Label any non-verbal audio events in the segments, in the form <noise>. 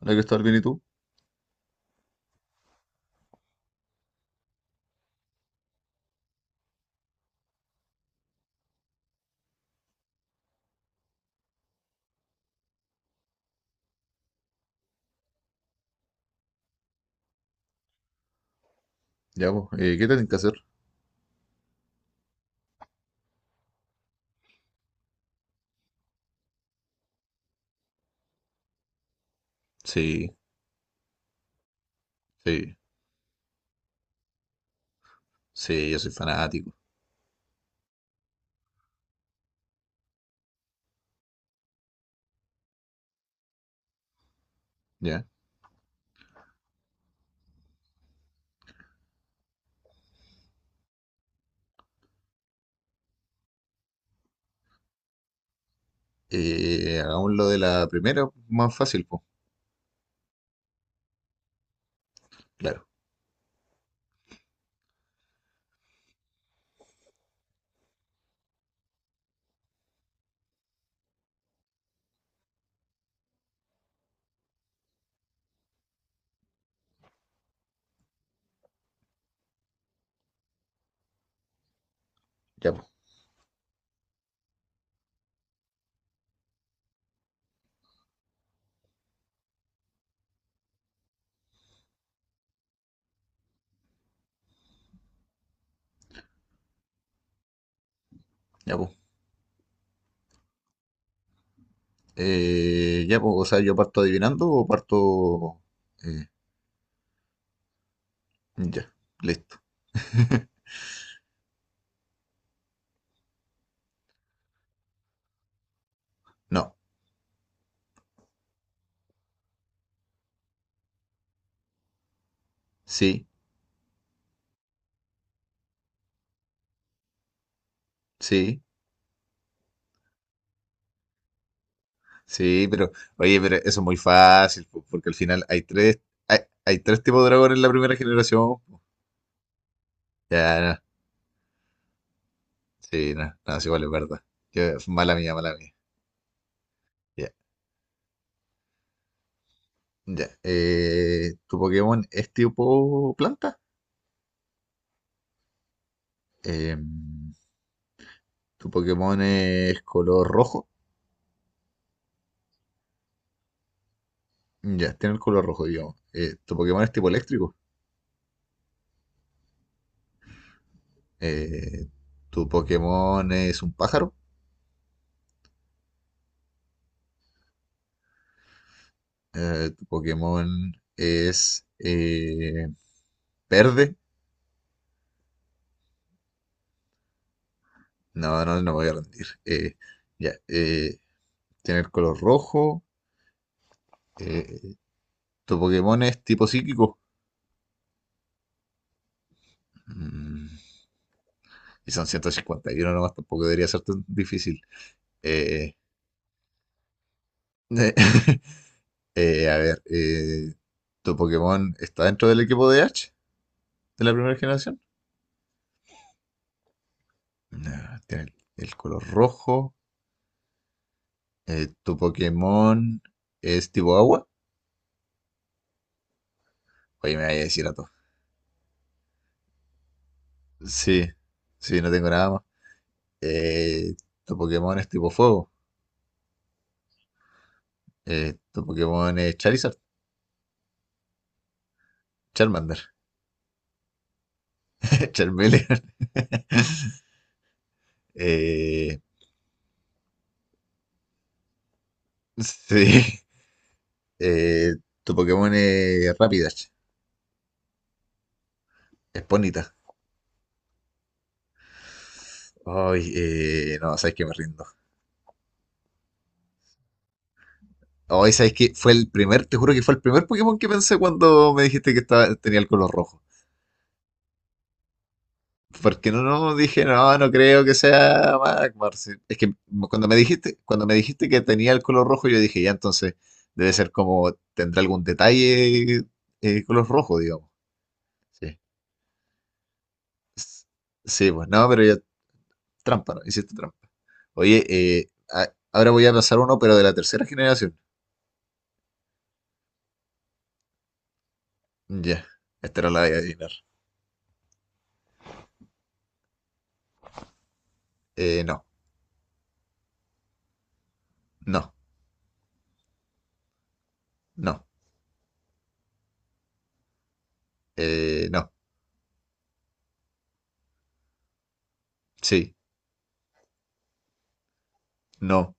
Hola, que estar bien, ¿y tú? Ya, pues, ¿qué tienen que hacer? Sí, sí, sí, yo soy fanático, ¿ya? Hagamos lo de la primera, más fácil, pues, claro, ya, pues, ya, pues. Ya, pues, o sea, ¿yo parto adivinando o parto... eh, ya, listo. <laughs> No, sí, sí, sí, pero, oye, pero eso es muy fácil, po, porque al final hay tres, hay, hay tres tipos de dragones en la primera generación. Ya, no, sí, no, no, sí, igual es verdad. Mala mía, mala mía. Ya. Ya. ¿Tu Pokémon es tipo planta? Eh, ¿Tu Pokémon es color rojo? Ya, tiene el color rojo, digamos. ¿Tu Pokémon es tipo eléctrico? Eh, ¿Tu Pokémon es un pájaro? ¿Tu Pokémon es verde? No, no, no me voy a rendir. Ya, eh, Tiene el color rojo. Eh, ¿Tu Pokémon es tipo psíquico? Mm, y son 151 nomás, tampoco debería ser tan difícil. Eh, <laughs> a ver, ¿tu Pokémon está dentro del equipo de Ash de la primera generación? No, tiene el color rojo. ¿Tu Pokémon es tipo agua? Oye, me vaya a decir a todos. Sí, sí, no tengo nada más. Eh, ¿Tu Pokémon es tipo fuego? ¿Tu Pokémon es Charizard? Charmander. <laughs> Charmeleon. <laughs> Eh, sí. Eh, ¿Tu Pokémon es Rapidash? Es Ponyta. Ay, no, sabes que me rindo. Hoy, sabes que fue el primer, te juro que fue el primer Pokémon que pensé cuando me dijiste que estaba, tenía el color rojo. Porque no, no, dije, no, no creo que sea Magmar. Sí, es que cuando me dijiste que tenía el color rojo, yo dije, ya, entonces debe ser como, tendrá algún detalle color rojo, digamos. Sí. S- Sí, pues no, pero ya, trampa, ¿no? Hiciste trampa. Oye, ahora voy a pensar uno, pero de la tercera generación. Ya, esta era la de adivinar. No. No, no, no, sí, no,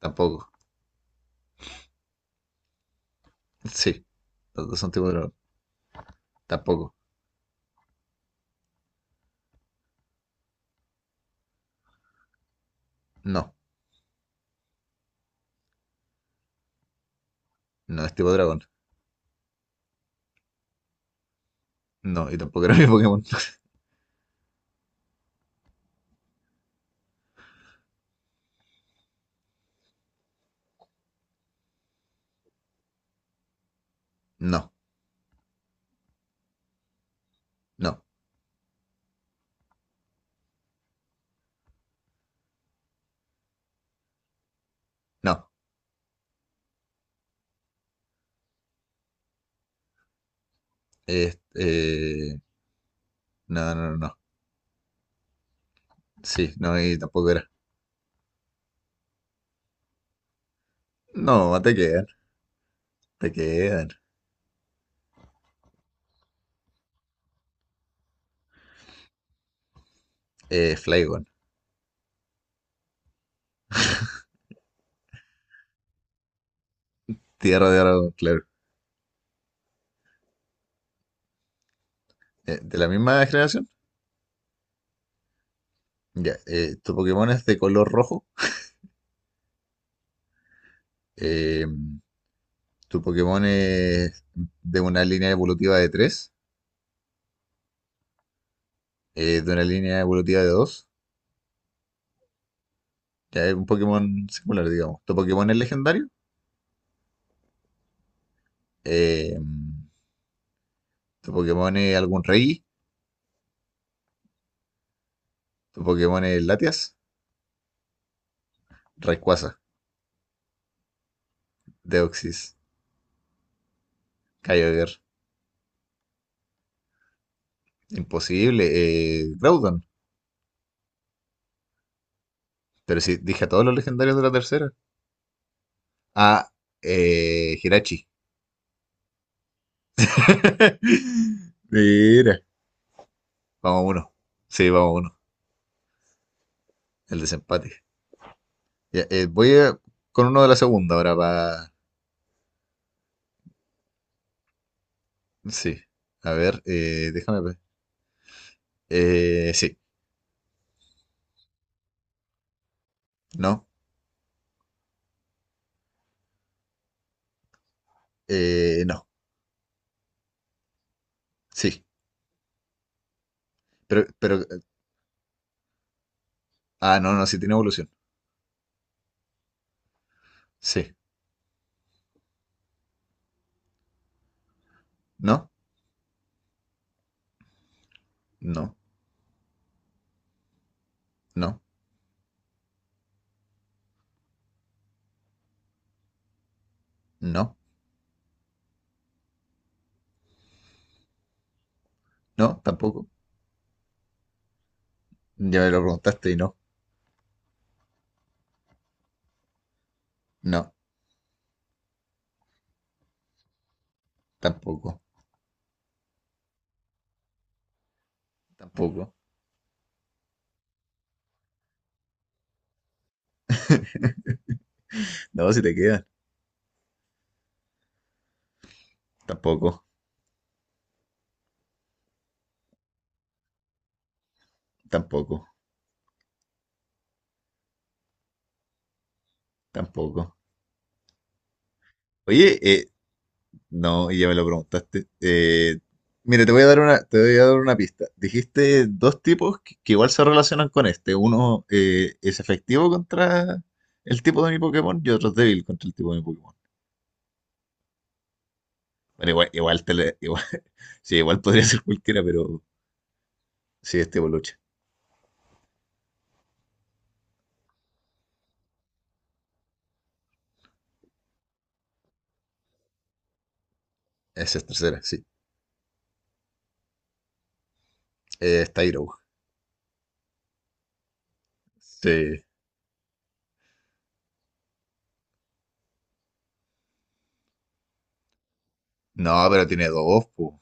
tampoco, sí. Los dos son tipo dragón. Tampoco, no, no es tipo dragón. No, y tampoco era mi Pokémon. No, no, no. Es, no, no, no, no. Sí, no, y tampoco era. No, te quedan, te quedan. Flygon, Tierra de Dragón, claro. ¿Eh, de la misma generación? Ya, tu Pokémon es de color rojo. Eh, Tu Pokémon es de una línea evolutiva de tres. Eh, de una línea evolutiva de dos. Ya es un Pokémon singular, digamos. Tu Pokémon es legendario. Eh, tu Pokémon es algún rey. Tu Pokémon es Latias. Rayquaza. Deoxys. Kyogre. Imposible. Groudon. Pero sí, dije a todos los legendarios de la tercera. Ah, Hirachi. <laughs> Mira. Vamos a uno. Sí, vamos a uno. El desempate. Ya, con uno de la segunda ahora para... Sí. A ver, déjame ver. Sí, no, no, sí. Pero, ah, no, no, sí tiene evolución. Sí, no, no, no, no, no, tampoco. Ya me lo preguntaste y no, no, tampoco, tampoco. No, si te quedan, tampoco, tampoco, tampoco. Oye, no, y ya me lo preguntaste. Mira, te voy a dar una, te voy a dar una pista. Dijiste dos tipos que igual se relacionan con este. Uno es efectivo contra el tipo de mi Pokémon y otro es débil contra el tipo de mi Pokémon. Bueno, igual, igual, igual, <laughs> sí, igual podría ser cualquiera, pero sí, este Boluche. Esa es tercera, sí. Es Tyrogue. Sí. No, pero tiene dos, pues.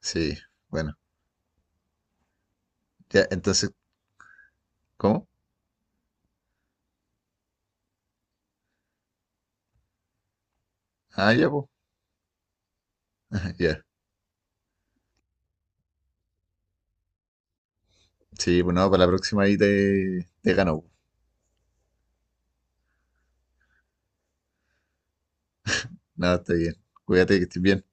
Sí, bueno. Ya, entonces, ¿cómo? Ah, ya, pues. <laughs> Ya. Sí, pues no, para la próxima ahí te, te gano. Nada, está bien. Cuídate que estés bien.